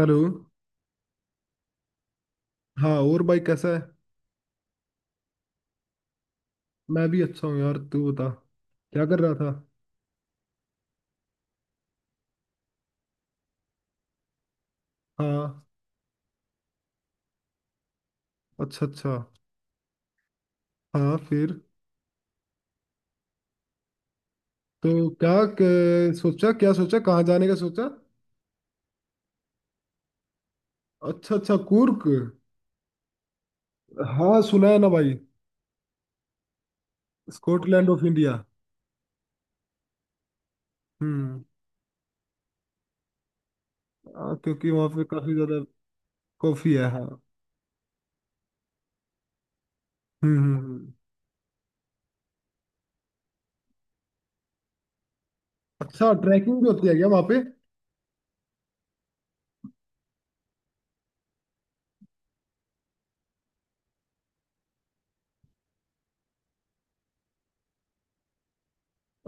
Hello. हाँ, और भाई कैसा है? मैं भी अच्छा हूँ यार। तू बता, क्या कर रहा था? हाँ। अच्छा अच्छा। हाँ, फिर? तो क्या सोचा, क्या सोचा, कहाँ जाने का सोचा? अच्छा अच्छा, कूर्क? हाँ, सुना है ना भाई। Scotland of India. हम्म। हाँ, क्योंकि वहाँ पे काफी ज्यादा कॉफी है, हाँ। हम्म हम्म हम्म। अच्छा, ट्रैकिंग भी होती है क्या वहाँ पे?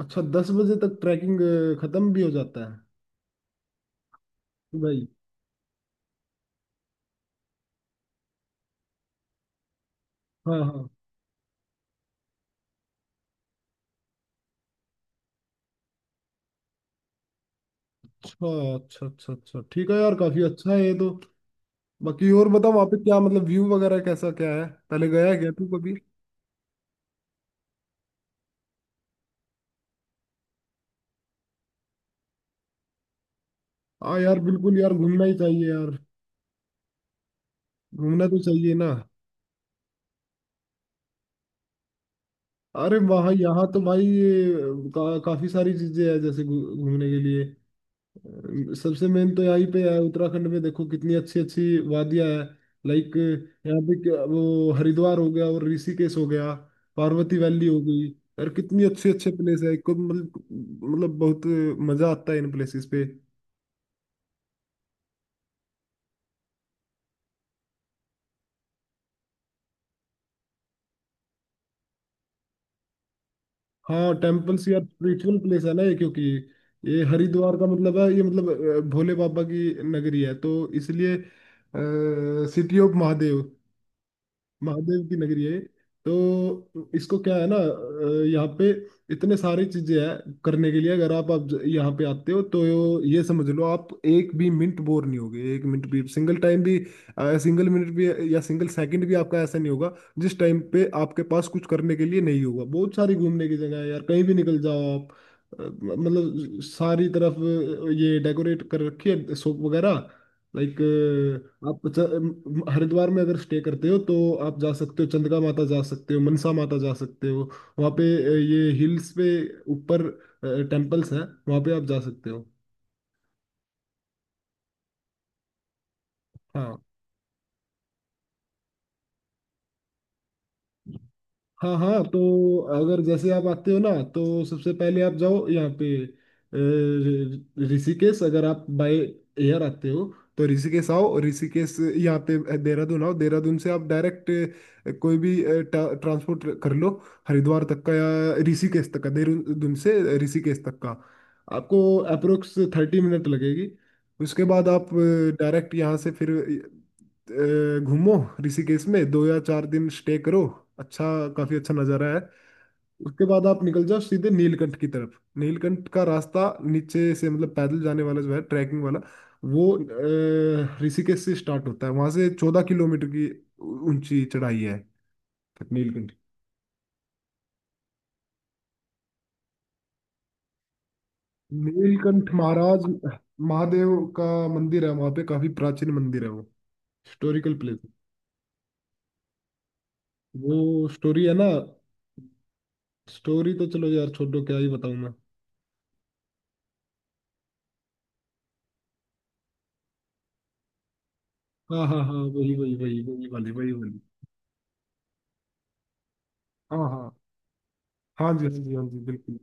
अच्छा, 10 बजे तक ट्रैकिंग खत्म भी हो जाता है। भाई। हाँ हाँ। अच्छा अच्छा अच्छा अच्छा, ठीक है यार, काफी अच्छा है ये तो। बाकी और बता, वहां पे क्या मतलब व्यू वगैरह कैसा क्या है? पहले गया है क्या तू कभी? हाँ यार, बिल्कुल यार, घूमना ही चाहिए यार। घूमना तो चाहिए ना। अरे वहाँ, यहाँ तो भाई ये काफी सारी चीजें हैं, जैसे घूमने के लिए। सबसे मेन तो यहीं पे है, उत्तराखंड में देखो कितनी अच्छी अच्छी वादियां हैं। लाइक, यहाँ पे वो हरिद्वार हो गया, और ऋषिकेश हो गया, पार्वती वैली हो गई। यार कितनी अच्छे अच्छे प्लेस है एक को, मतलब, मतलब बहुत मजा आता है इन प्लेसेस पे। हाँ टेम्पल्स यार, स्पिरिचुअल प्लेस है ना ये, क्योंकि ये हरिद्वार का मतलब है ये, मतलब भोले बाबा की नगरी है, तो इसलिए सिटी ऑफ महादेव, महादेव की नगरी है। तो इसको क्या है ना, यहाँ पे इतने सारी चीजें हैं करने के लिए, अगर आप यहाँ पे आते हो तो ये समझ लो आप, एक भी मिनट बोर नहीं होगे, एक मिनट भी, सिंगल टाइम भी, सिंगल मिनट भी, या सिंगल सेकंड भी आपका ऐसा नहीं होगा जिस टाइम पे आपके पास कुछ करने के लिए नहीं होगा। बहुत सारी घूमने की जगह है यार, कहीं भी निकल जाओ आप। मतलब सारी तरफ ये डेकोरेट कर रखी है शॉप वगैरह। लाइक, आप हरिद्वार में अगर स्टे करते हो, तो आप जा सकते हो चंद्रगा माता, जा सकते हो मनसा माता, जा सकते हो वहाँ पे। ये हिल्स पे ऊपर टेम्पल्स हैं, वहाँ पे आप जा सकते हो। हाँ हाँ हाँ, तो अगर जैसे आप आते हो ना, तो सबसे पहले आप जाओ यहाँ पे ऋषिकेश, अगर आप बाय एयर आते हो तो ऋषिकेश आओ, ऋषिकेश यहाँ पे। देहरादून आओ, देहरादून से आप डायरेक्ट कोई भी ट्रांसपोर्ट कर लो हरिद्वार तक का या ऋषिकेश तक का। देहरादून से ऋषिकेश तक का आपको अप्रोक्स 30 मिनट लगेगी। उसके बाद आप डायरेक्ट यहाँ से फिर घूमो। ऋषिकेश में 2 या 4 दिन स्टे करो। अच्छा, काफी अच्छा नज़ारा है। उसके बाद आप निकल जाओ सीधे नीलकंठ की तरफ। नीलकंठ का रास्ता नीचे से, मतलब पैदल जाने वाला जो है, ट्रैकिंग वाला, वो ऋषिकेश से स्टार्ट होता है। वहां से 14 किलोमीटर की ऊंची चढ़ाई है तक नीलकंठ। नीलकंठ महाराज, महादेव का मंदिर है वहां पे, काफी प्राचीन मंदिर है वो, हिस्टोरिकल प्लेस। वो स्टोरी है ना, स्टोरी तो चलो यार छोड़ो, क्या ही बताऊं मैं। हाँ हाँ हाँ, वही वही वही, वही वाली, वही वाली। हाँ हाँ। हाँ जी, हाँ जी, हाँ जी, बिल्कुल।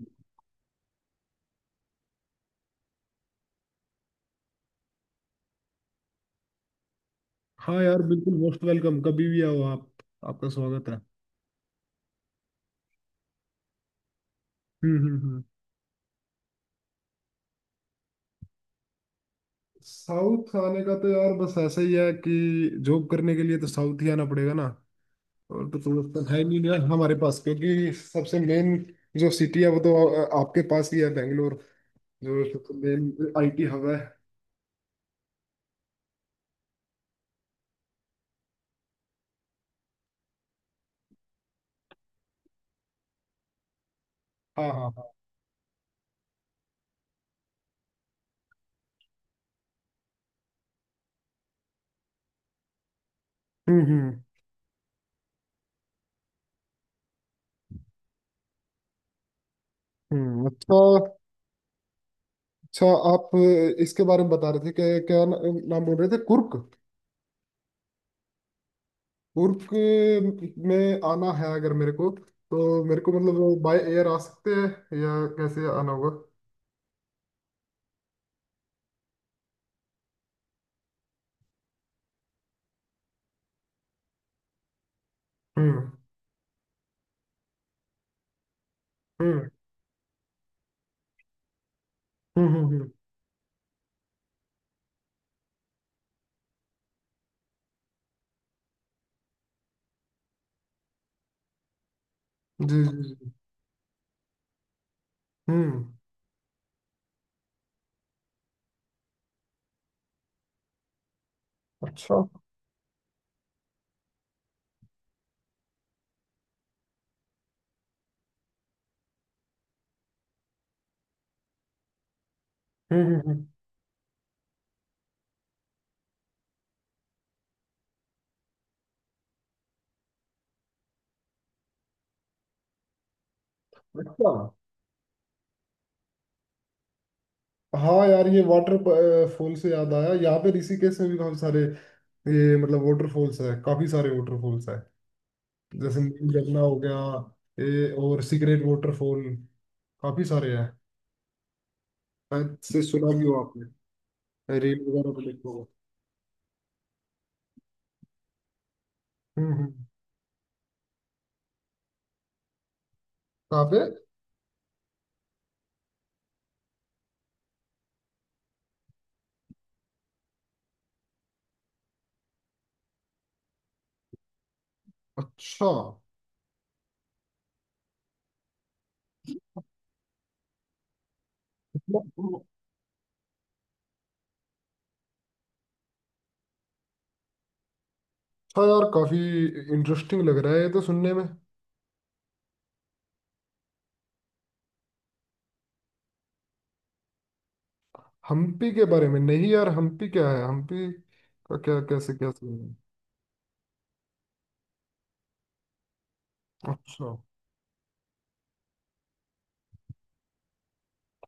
हाँ यार बिल्कुल, मोस्ट वेलकम, कभी भी आओ आप, आपका स्वागत है। हम्म। साउथ आने का तो यार बस ऐसा ही है कि जॉब करने के लिए तो साउथ ही आना पड़ेगा ना, और तो है नहीं ना हमारे पास, क्योंकि सबसे मेन जो सिटी है वो तो आपके पास ही है, बेंगलोर, जो सबसे मेन आईटी हब है। हाँ हाँ हाँ। हम्म हम्म हम्म, अच्छा। अच्छा, आप इसके बारे में बता रहे थे कि क्या ना, नाम बोल रहे थे, कुर्क। कुर्क में आना है अगर मेरे को, तो मेरे को मतलब बाय एयर आ सकते हैं, या कैसे आना होगा? हम्म हम्म हम्म। जी जी जी। हम्म, अच्छा। हम्म। अच्छा। हाँ यार, ये वाटर फॉल से याद आया, यहाँ पे ऋषिकेश में भी काफी सारे ये मतलब वाटरफॉल्स है, काफी सारे वाटरफॉल्स है। जैसे नील झरना हो गया, ये और सीक्रेट वाटरफॉल, काफी सारे हैं। शायद से सुना भी हो आपने, रील वगैरह पे देखा होगा। हम्म हम्म। काफे। अच्छा, मतलब अच्छा यार, काफी इंटरेस्टिंग लग रहा है ये तो सुनने में। हम्पी के बारे में नहीं यार, हम्पी क्या है? हम्पी का क्या, कैसे, क्या सीन है? अच्छा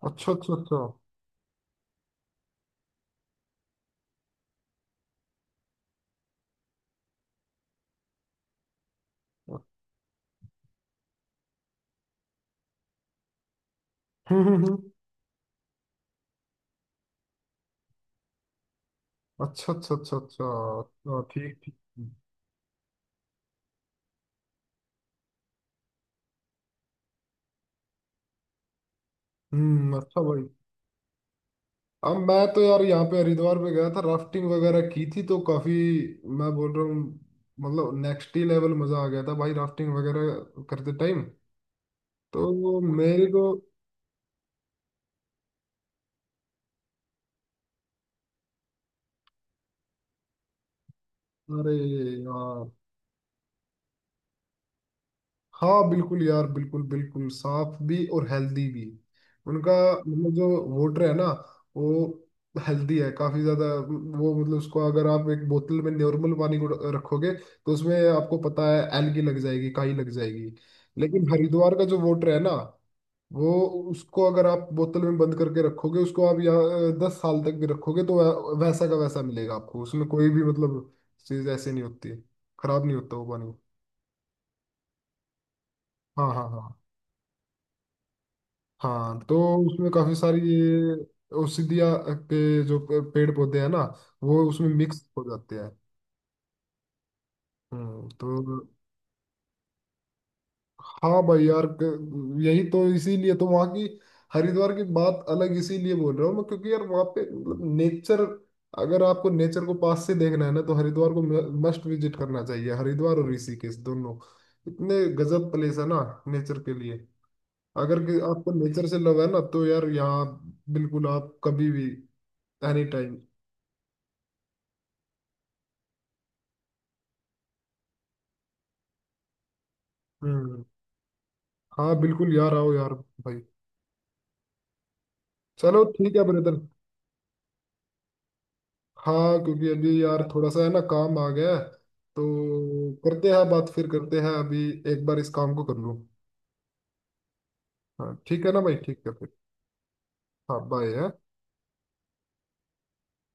अच्छा अच्छा अच्छा। हम्म हम्म, हम्म। अच्छा अच्छा अच्छा अच्छा। अच्छा, ठीक ठीक। हम्म, अच्छा भाई। अब मैं तो यार यहाँ पे हरिद्वार पे गया था, राफ्टिंग वगैरह की थी, तो काफी, मैं बोल रहा हूँ, मतलब नेक्स्ट ही लेवल मजा आ गया था भाई राफ्टिंग वगैरह करते टाइम। तो मेरे को, अरे यार, हाँ बिल्कुल यार, बिल्कुल बिल्कुल साफ भी और हेल्दी भी। उनका मतलब जो वाटर है ना, वो हेल्दी है काफी ज्यादा। वो मतलब, उसको अगर आप एक बोतल में नॉर्मल पानी को रखोगे, तो उसमें आपको पता है एलगी लग जाएगी, काई लग जाएगी। लेकिन हरिद्वार का जो वाटर है ना, वो, उसको अगर आप बोतल में बंद करके रखोगे, उसको आप यहाँ 10 साल तक भी रखोगे तो वैसा का वैसा मिलेगा आपको, उसमें कोई भी मतलब चीज ऐसे नहीं होती है, खराब नहीं होता वो पानी। हाँ हाँ हाँ हाँ, तो उसमें काफी सारी ये औषधिया के जो पेड़ पौधे हैं ना, वो उसमें मिक्स हो जाते हैं। हम्म, तो हाँ भाई यार, यही तो, इसीलिए तो वहाँ की, हरिद्वार की बात अलग इसीलिए बोल रहा हूँ मैं, क्योंकि यार वहाँ पे मतलब नेचर, अगर आपको नेचर को पास से देखना है ना, तो हरिद्वार को मस्ट विजिट करना चाहिए, हरिद्वार और ऋषिकेश दोनों, इतने गजब प्लेस है ना नेचर के लिए। अगर कि आपको नेचर से लव है ना, तो यार यहाँ बिल्कुल आप कभी भी, एनी टाइम। हम्म। हाँ बिल्कुल यार, आओ यार भाई। चलो ठीक है ब्रदर। हाँ, क्योंकि अभी यार थोड़ा सा है ना काम आ गया है, तो करते हैं बात, फिर करते हैं, अभी एक बार इस काम को कर लूँ। हाँ ठीक है ना भाई, ठीक है फिर। हाँ, बाय।